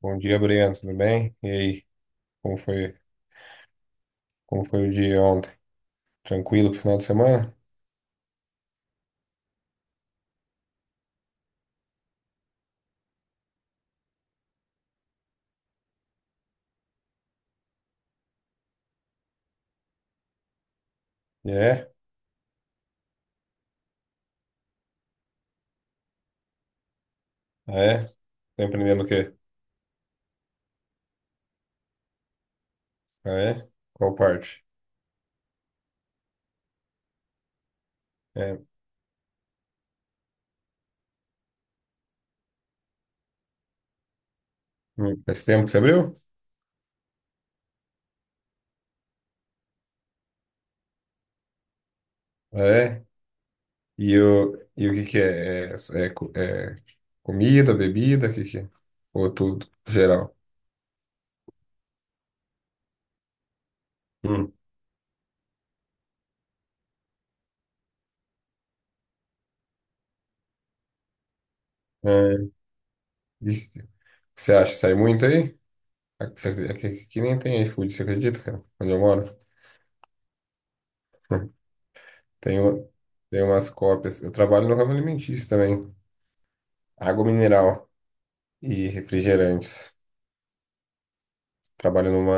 Bom dia, Breno. Tudo bem? E aí? Como foi, como foi o dia ontem? Tranquilo pro final de semana? É? Ah, é? Tá empreendendo o quê? Ah, é? Qual parte? É. Hum, faz tempo que você abriu? Ah, é? E o que que é? É comida, bebida? O que que é? Ou tudo, geral? Hum. É. E o que você acha? Sai muito aí? Aqui nem tem iFood, você acredita, cara? Onde eu moro? Tem, uma- tem umas cópias. Eu trabalho no ramo alimentício também. Água mineral e refrigerantes. Trabalho numa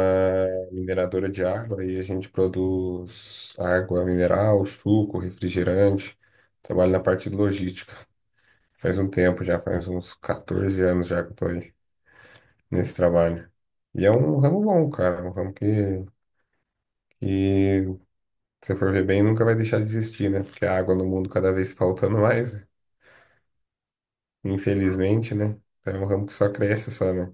mineradora de água e a gente produz água mineral, suco, refrigerante. Trabalho na parte de logística. Faz um tempo já, faz uns 14 anos já que eu tô aí nesse trabalho. E é um ramo bom, cara, é um ramo que se for ver bem, nunca vai deixar de existir, né? Porque a água no mundo cada vez faltando mais, infelizmente, né? Então é um ramo que só cresce só, né?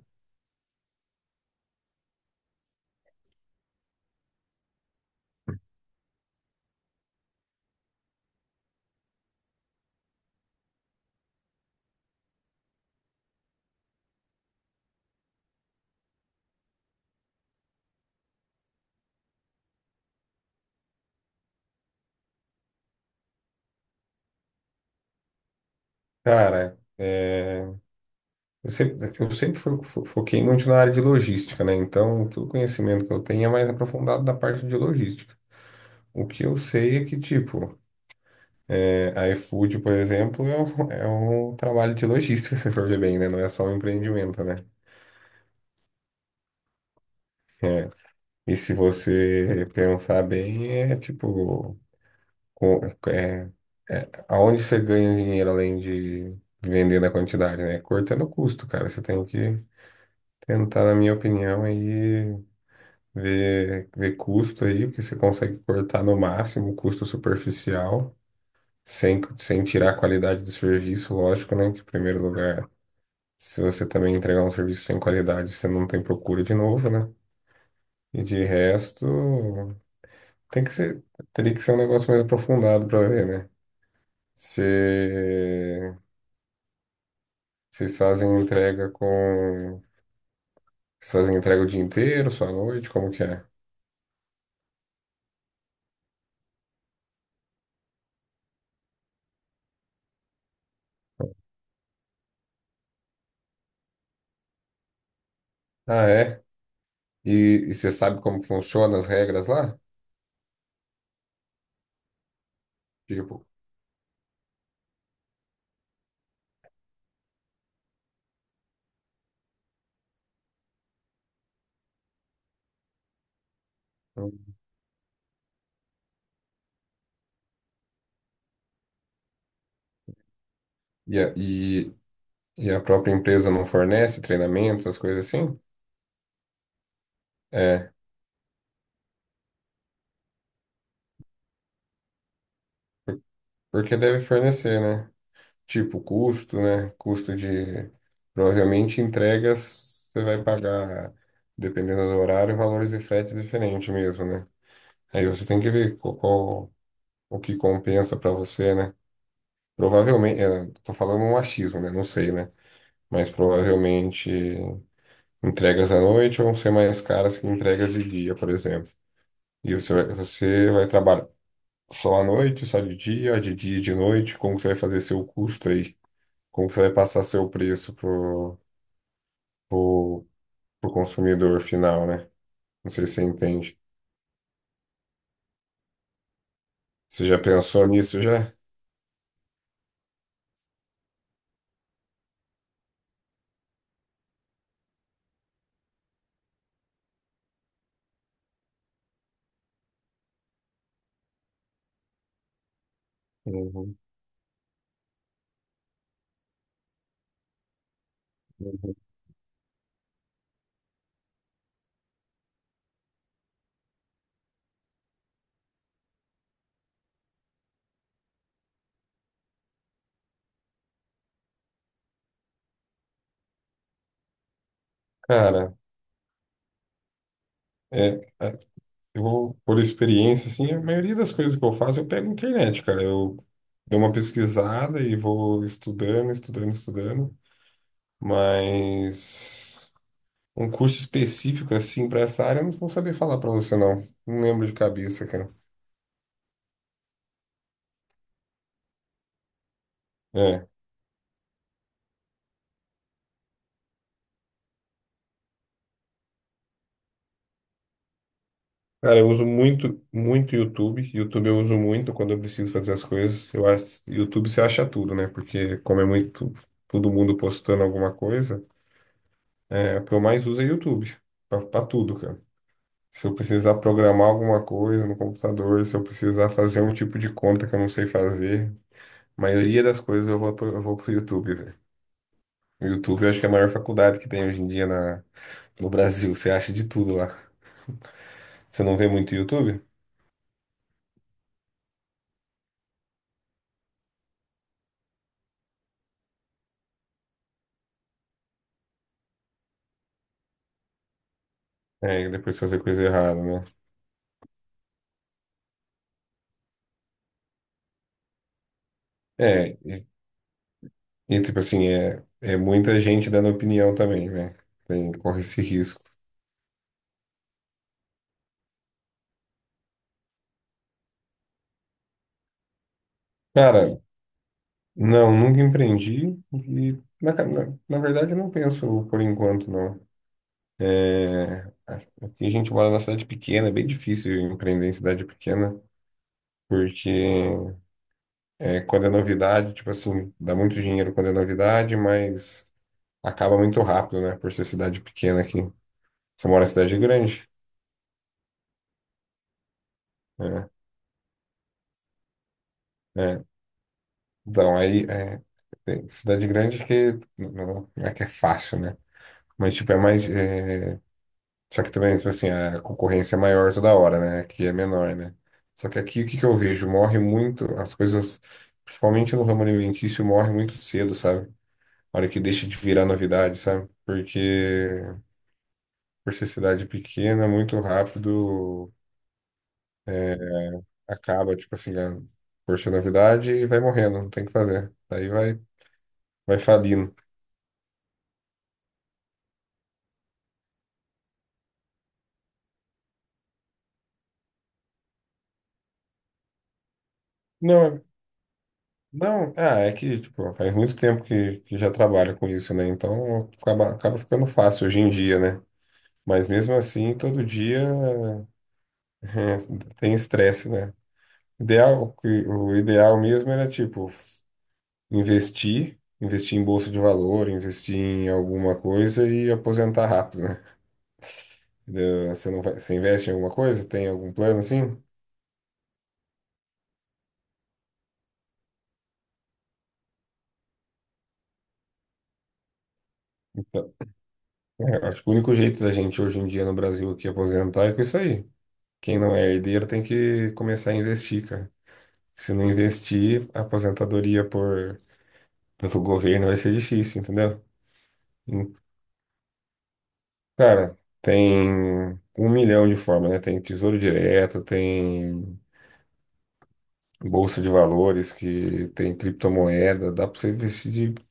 Cara, é... eu sempre foquei muito na área de logística, né? Então, todo conhecimento que eu tenho é mais aprofundado da parte de logística. O que eu sei é que, tipo, é, a iFood, por exemplo, é é um trabalho de logística, se for ver bem, né? Não é só um empreendimento, né? É. E se você pensar bem, é tipo, com- é, aonde você ganha dinheiro além de vender na quantidade, né? Cortando o custo, cara. Você tem que tentar, na minha opinião, aí. Ver, ver custo aí, porque você consegue cortar no máximo o custo superficial, sem tirar a qualidade do serviço, lógico, né? Que em primeiro lugar, se você também entregar um serviço sem qualidade, você não tem procura de novo, né? E de resto, tem que ser, teria que ser um negócio mais aprofundado para ver, né? Você, vocês fazem entrega com. Vocês fazem entrega o dia inteiro, só à noite? Como que é? Ah, é? E, e você sabe como que funciona as regras lá? Tipo, E a, e, e a própria empresa não fornece treinamentos, as coisas assim? É, por- porque deve fornecer, né? Tipo, custo, né? Custo de. Provavelmente entregas você vai pagar, dependendo do horário, valores de frete diferentes mesmo, né? Aí você tem que ver o que compensa para você, né? Provavelmente, é, tô falando um achismo, né? Não sei, né? Mas provavelmente entregas à noite vão ser mais caras que entregas de dia, por exemplo. Você vai trabalhar só à noite, só de dia e de noite? Como que você vai fazer seu custo aí? Como que você vai passar seu preço pro, pro consumidor final, né? Não sei se você entende. Você já pensou nisso já? Uhum, uhum. Cara, é, é, eu, por experiência, assim, a maioria das coisas que eu faço eu pego na internet, cara. Eu dou uma pesquisada e vou estudando, mas. Um curso específico, assim, para essa área, eu não vou saber falar para você, não. Não lembro de cabeça, cara. É. Cara, eu uso muito YouTube. YouTube eu uso muito quando eu preciso fazer as coisas. Eu acho, YouTube você acha tudo, né? Porque como é muito todo mundo postando alguma coisa, é, o que eu mais uso é YouTube. Para tudo, cara. Se eu precisar programar alguma coisa no computador, se eu precisar fazer um tipo de conta que eu não sei fazer, a maioria das coisas eu vou pro YouTube. O YouTube eu acho que é a maior faculdade que tem hoje em dia no Brasil. Você acha de tudo lá. Você não vê muito YouTube? É, e depois fazer coisa errada, né? É, e tipo assim, é muita gente dando opinião também, né? Tem, corre esse risco. Cara, não, nunca empreendi e, na verdade, eu não penso por enquanto, não. É, aqui a gente mora numa cidade pequena, é bem difícil empreender em cidade pequena, porque é, quando é novidade, tipo assim, dá muito dinheiro quando é novidade, mas acaba muito rápido, né? Por ser cidade pequena aqui. Você mora em cidade grande, né? É, então, aí, é, tem cidade grande que não é que é fácil, né? Mas, tipo, é mais. É, só que também, tipo assim, a concorrência é maior toda hora, né? Aqui é menor, né? Só que aqui, o que que eu vejo? Morre muito, as coisas, principalmente no ramo alimentício, morre muito cedo, sabe? A hora que deixa de virar novidade, sabe? Porque por ser cidade pequena, muito rápido, é, acaba, tipo assim, a, por ser novidade e vai morrendo, não tem o que fazer. Daí vai, vai falindo. Não, não, ah, é que, tipo, faz muito tempo que já trabalho com isso, né? Então acaba ficando fácil hoje em dia, né? Mas mesmo assim, todo dia é, tem estresse, né? Ideal, o ideal mesmo era, tipo, investir em bolsa de valor, investir em alguma coisa e aposentar rápido, né? Entendeu? Você não vai, você investe em alguma coisa? Tem algum plano assim? Então, é, acho que o único jeito da gente hoje em dia no Brasil aqui aposentar é com isso aí. Quem não é herdeiro tem que começar a investir, cara. Se não investir, a aposentadoria pelo governo vai ser difícil, entendeu? Hum, Cara, tem um milhão de formas, né? Tem Tesouro Direto, tem Bolsa de Valores, que tem criptomoeda, dá pra você investir de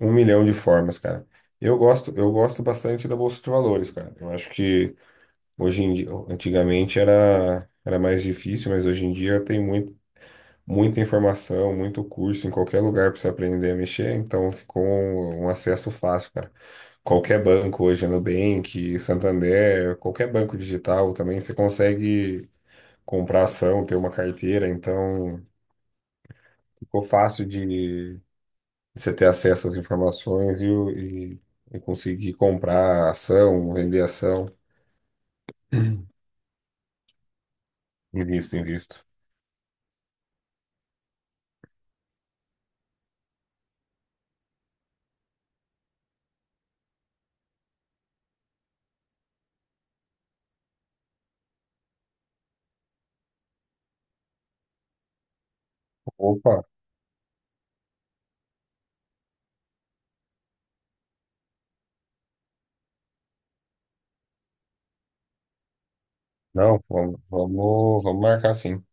um milhão de formas, cara. Eu gosto bastante da Bolsa de Valores, cara. Eu acho que hoje em dia, antigamente era mais difícil, mas hoje em dia tem muito, muita informação, muito curso em qualquer lugar para você aprender a mexer, então ficou um acesso fácil, cara. Qualquer banco hoje, Nubank, Santander, qualquer banco digital também, você consegue comprar ação, ter uma carteira, então ficou fácil de você ter acesso às informações e conseguir comprar ação, vender ação. Invisto, invisto. Opa, não, vamos marcar sim.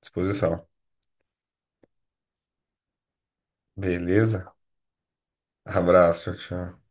Disposição. Beleza? Abraço, tchau, tchau.